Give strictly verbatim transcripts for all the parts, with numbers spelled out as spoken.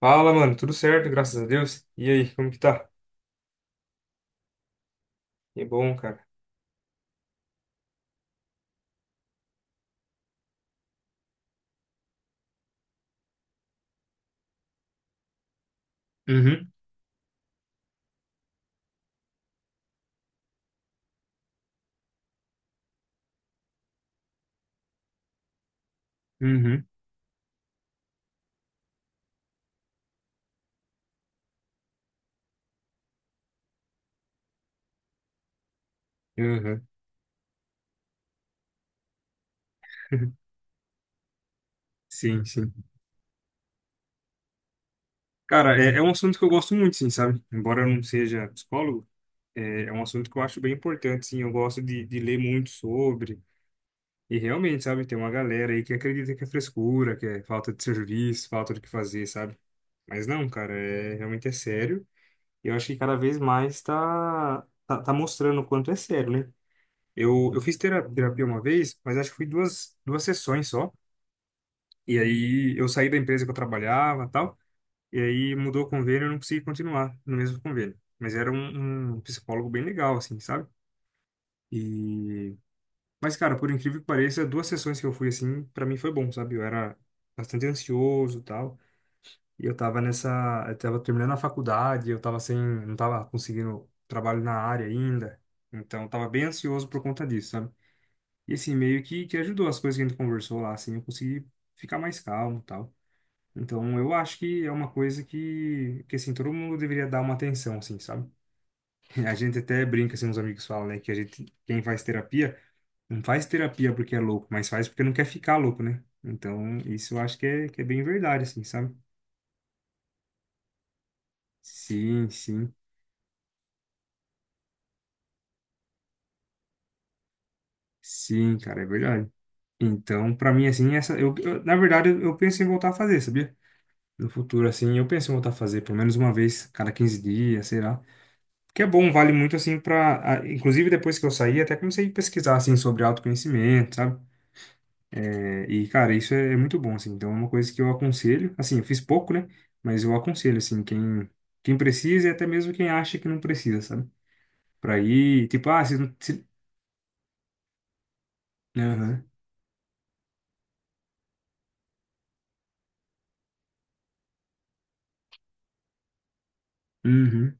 Fala, mano, tudo certo, graças a Deus. E aí, como que tá? Que bom, cara. Uhum, uhum, uhum. Sim, sim. Cara, é, é um assunto que eu gosto muito, sim, sabe? Embora eu não seja psicólogo, é, é um assunto que eu acho bem importante, sim. Eu gosto de, de ler muito sobre. E realmente, sabe, tem uma galera aí que acredita que é frescura, que é falta de serviço, falta do que fazer, sabe? Mas não, cara, é, realmente é sério. E eu acho que cada vez mais tá, tá, tá mostrando o quanto é sério, né? Eu, eu fiz tera- terapia uma vez, mas acho que foi duas, duas sessões só. E aí eu saí da empresa que eu trabalhava e tal. E aí mudou o convênio e eu não consegui continuar no mesmo convênio. Mas era um, um psicólogo bem legal, assim, sabe? E... Mas, cara, por incrível que pareça, duas sessões que eu fui, assim, pra mim foi bom, sabe? Eu era bastante ansioso e tal. E eu tava nessa... Eu tava terminando a faculdade, eu tava sem... Não tava conseguindo trabalho na área ainda. Então, eu tava bem ansioso por conta disso, sabe? E assim, meio que, que ajudou as coisas que a gente conversou lá, assim, eu consegui ficar mais calmo e tal. Então, eu acho que é uma coisa que, que assim, todo mundo deveria dar uma atenção, assim, sabe? A gente até brinca, assim, os amigos falam, né, que a gente, quem faz terapia, não faz terapia porque é louco, mas faz porque não quer ficar louco, né? Então, isso eu acho que é, que é bem verdade, assim, sabe? Sim, sim, sim, cara, é verdade. Então, pra mim, assim, essa, eu, eu- na verdade, eu eu penso em voltar a fazer, sabia? No futuro, assim. Eu penso em voltar a fazer pelo menos uma vez cada quinze dias, sei lá. Porque é bom, vale muito, assim, pra... a- inclusive, depois que eu saí, até comecei a pesquisar, assim, sobre autoconhecimento, sabe? É, E, cara, isso é é muito bom, assim. Então, é uma coisa que eu aconselho. Assim, eu fiz pouco, né? Mas eu aconselho, assim, quem, quem precisa e até mesmo quem acha que não precisa, sabe? Pra ir, tipo, ah, se... não- se... Aham, uhum,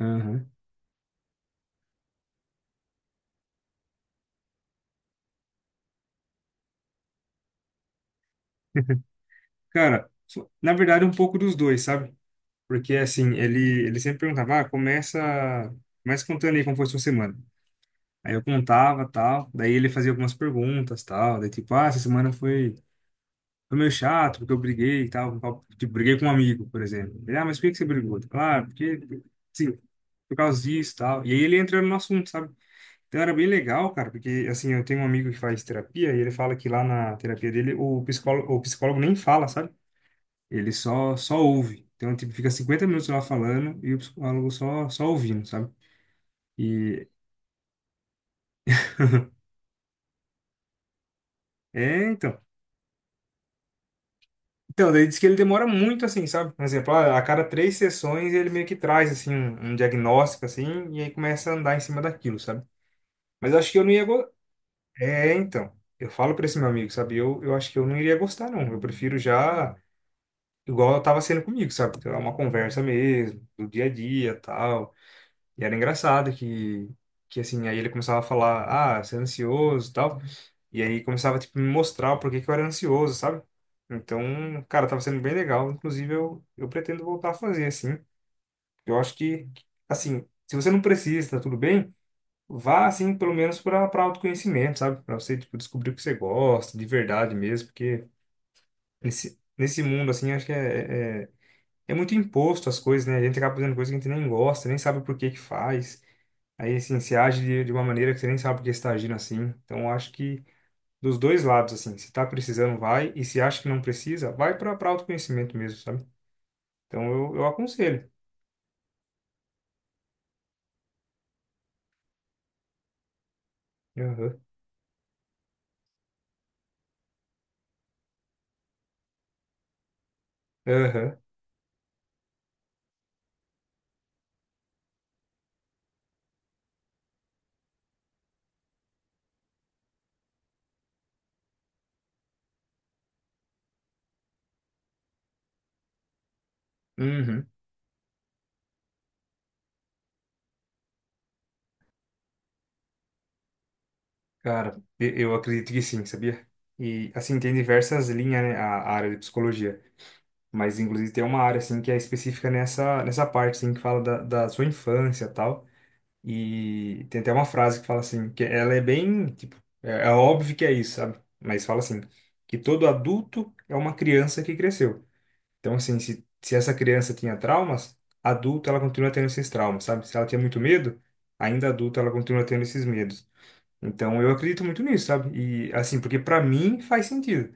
aham. Cara, fo- na verdade, um pouco dos dois, sabe? Porque, assim, ele, ele sempre perguntava, ah, começa, começa contando aí como foi sua semana. Aí eu contava, tal, daí ele fazia algumas perguntas, tal, daí tipo, ah, essa semana foi, foi meio chato, porque eu briguei, e tal, com tal- tipo, briguei com um amigo, por exemplo. Ele, ah, mas por que que você brigou? Claro, porque, sim, por causa disso, tal. E aí ele entra no assunto, sabe? Então era bem legal, cara, porque, assim, eu tenho um amigo que faz terapia, e ele fala que lá na terapia dele, o psicólogo, o psicólogo nem fala, sabe? Ele só, só ouve. Então, tipo, fica cinquenta minutos lá falando e o psicólogo só, só ouvindo, sabe? E é, então. Então, daí diz que ele demora muito, assim, sabe? Por exemplo, a a cada três sessões ele meio que traz, assim, um, um diagnóstico, assim, e aí começa a andar em cima daquilo, sabe? Mas eu acho que eu não ia. go- É, então. Eu falo pra esse meu amigo, sabe? Eu, eu acho que eu não iria gostar, não. Eu prefiro já, igual tava sendo comigo, sabe? Então, é uma conversa mesmo, do dia a dia, tal. E era engraçado que, que assim, aí ele começava a falar, ah, você é ansioso e tal. E aí começava, tipo, me mostrar o porquê que eu era ansioso, sabe? Então, cara, tava sendo bem legal. Inclusive, eu, eu pretendo voltar a fazer, assim. Eu acho que, assim, se você não precisa, tá tudo bem, vá, assim, pelo menos para para autoconhecimento, sabe? Para você, tipo, descobrir o que você gosta, de verdade mesmo. Porque nesse, nesse mundo, assim, acho que é, é, é é muito imposto as coisas, né? A gente acaba fazendo coisas que a gente nem gosta, nem sabe por que que faz. Aí, assim, você age de, de uma maneira que você nem sabe por que você está agindo assim. Então, eu acho que dos dois lados, assim, se tá precisando, vai. E se acha que não precisa, vai para para autoconhecimento mesmo, sabe? Então, eu, eu aconselho. Aham, aham, uhum. Cara, e- eu acredito que sim, sabia? E, assim, tem diversas linhas, né, a, a área de psicologia. Mas, inclusive, tem uma área, assim, que é específica nessa, nessa parte, assim, que fala da, da sua infância e tal. E tem até uma frase que fala assim, que ela é bem, tipo, é, é óbvio que é isso, sabe? Mas fala assim, que todo adulto é uma criança que cresceu. Então, assim, se, se essa criança tinha traumas, adulta ela continua tendo esses traumas, sabe? Se ela tinha muito medo, ainda adulta ela continua tendo esses medos. Então, eu acredito muito nisso, sabe? E, assim, porque pra mim faz sentido.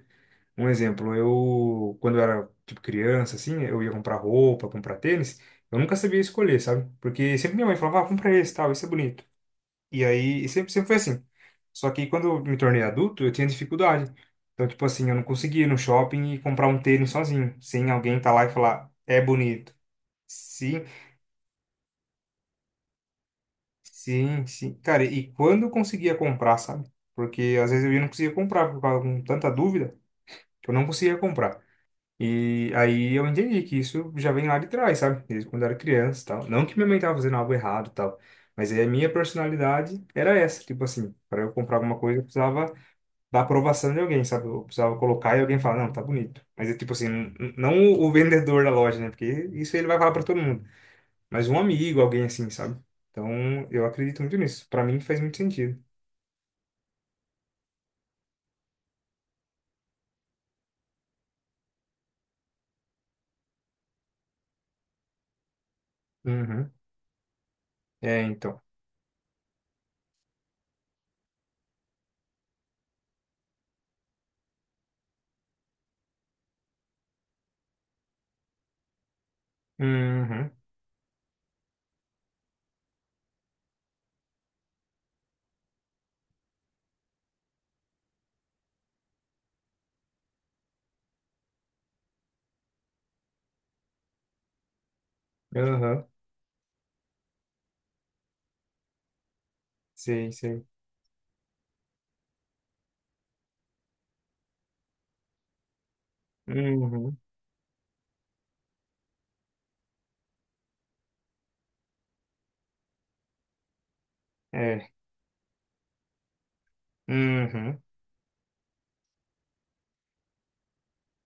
Um exemplo, eu, quando eu era, tipo, criança, assim, eu ia comprar roupa, comprar tênis, eu nunca sabia escolher, sabe? Porque sempre minha mãe falava, ah, compra esse, tal, esse é bonito. E aí, e sempre, sempre foi assim. Só que quando eu me tornei adulto, eu tinha dificuldade. Então, tipo assim, eu não conseguia ir no shopping e comprar um tênis sozinho, sem alguém estar lá e falar, é bonito. Sim, sim, sim. Cara, e quando eu conseguia comprar, sabe? Porque às vezes eu ia e não conseguia comprar por causa de tanta dúvida que eu não conseguia comprar. E aí eu entendi que isso já vem lá de trás, sabe? Desde quando eu era criança e tal. Não que minha mãe estava fazendo algo errado e tal, mas aí a minha personalidade era essa, tipo assim, para eu comprar alguma coisa eu precisava da aprovação de alguém, sabe? Eu precisava colocar e alguém falar, não, tá bonito. Mas é tipo assim, n- n- não o o vendedor da loja, né? Porque isso ele vai falar pra todo mundo. Mas um amigo, alguém assim, sabe? Então, eu acredito muito nisso. Pra mim faz muito sentido. Uhum. É, então. Uhum. Aham. Sei, sei. Uhum. É. Uhum.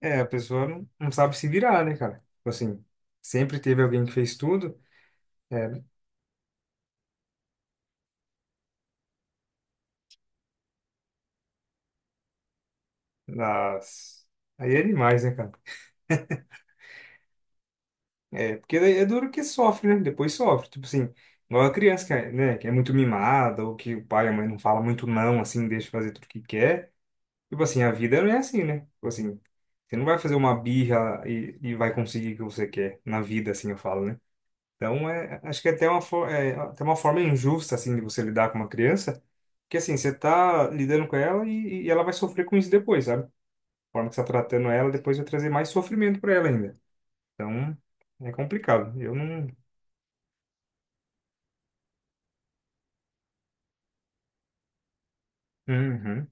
É, a pessoa não, não sabe se virar, né, cara? Tipo assim, sempre teve alguém que fez tudo. É, nas... Aí é demais, né, cara? É, porque daí é duro que sofre, né? Depois sofre. Tipo assim, igual a criança que é, né, que é muito mimada, ou que o pai e a mãe não fala muito não, assim, deixa fazer tudo que quer. Tipo assim, a vida não é assim, né? Tipo assim, você não vai fazer uma birra e, e vai conseguir o que você quer na vida, assim, eu falo, né? Então, é, acho que é até uma, for- é, até uma forma injusta, assim, de você lidar com uma criança, porque assim, você tá lidando com ela e, e ela vai sofrer com isso depois, sabe? A forma que você tá tratando ela, depois vai trazer mais sofrimento pra ela ainda. Então, é complicado. Eu não. Uhum.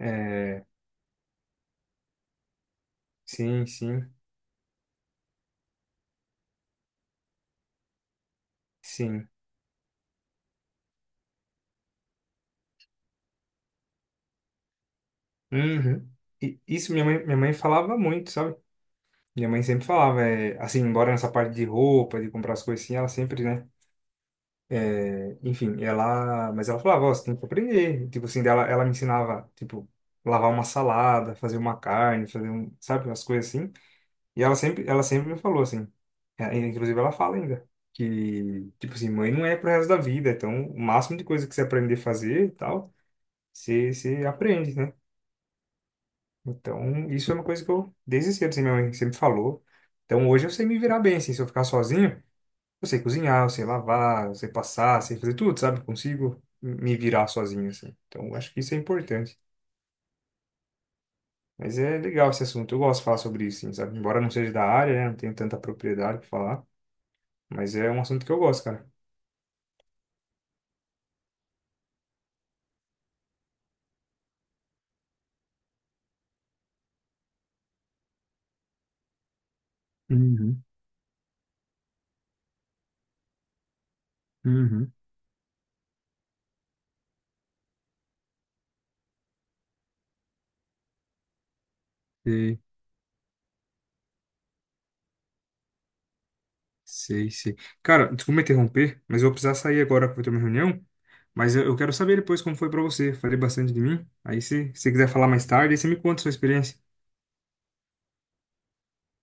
É, sim, sim, sim. Uhum. E isso minha mãe, minha mãe falava muito, sabe? Minha mãe sempre falava, é, assim, embora nessa parte de roupa, de comprar as coisas assim, ela sempre, né? é, enfim, ela. Mas ela falava, ó, você tem que aprender. Tipo assim, dela, ela me ensinava, tipo, lavar uma salada, fazer uma carne, fazer um, sabe, umas coisas assim. E ela sempre, ela sempre me falou assim, é, inclusive ela fala ainda. Que, tipo assim, mãe não é pro resto da vida, então o máximo de coisa que você aprender a fazer e tal. Você, você aprende, né? Então, isso é uma coisa que eu, desde cedo, assim, minha mãe sempre falou. Então, hoje eu sei me virar bem, assim, se eu ficar sozinho, eu sei cozinhar, eu sei lavar, eu sei passar, eu sei fazer tudo, sabe? Consigo me virar sozinho, assim. Então, eu acho que isso é importante. Mas é legal esse assunto, eu gosto de falar sobre isso, assim, sabe? Embora não seja da área, né? Não tenho tanta propriedade para falar, mas é um assunto que eu gosto, cara. Uhum, uhum. Sei, sei. Cara, desculpa me interromper, mas eu vou precisar sair agora que eu vou ter uma reunião. Mas eu, eu quero saber depois como foi pra você. Falei bastante de mim. Aí se você quiser falar mais tarde, aí você me conta a sua experiência.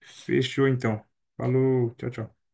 Fechou então. Falou, tchau, tchau.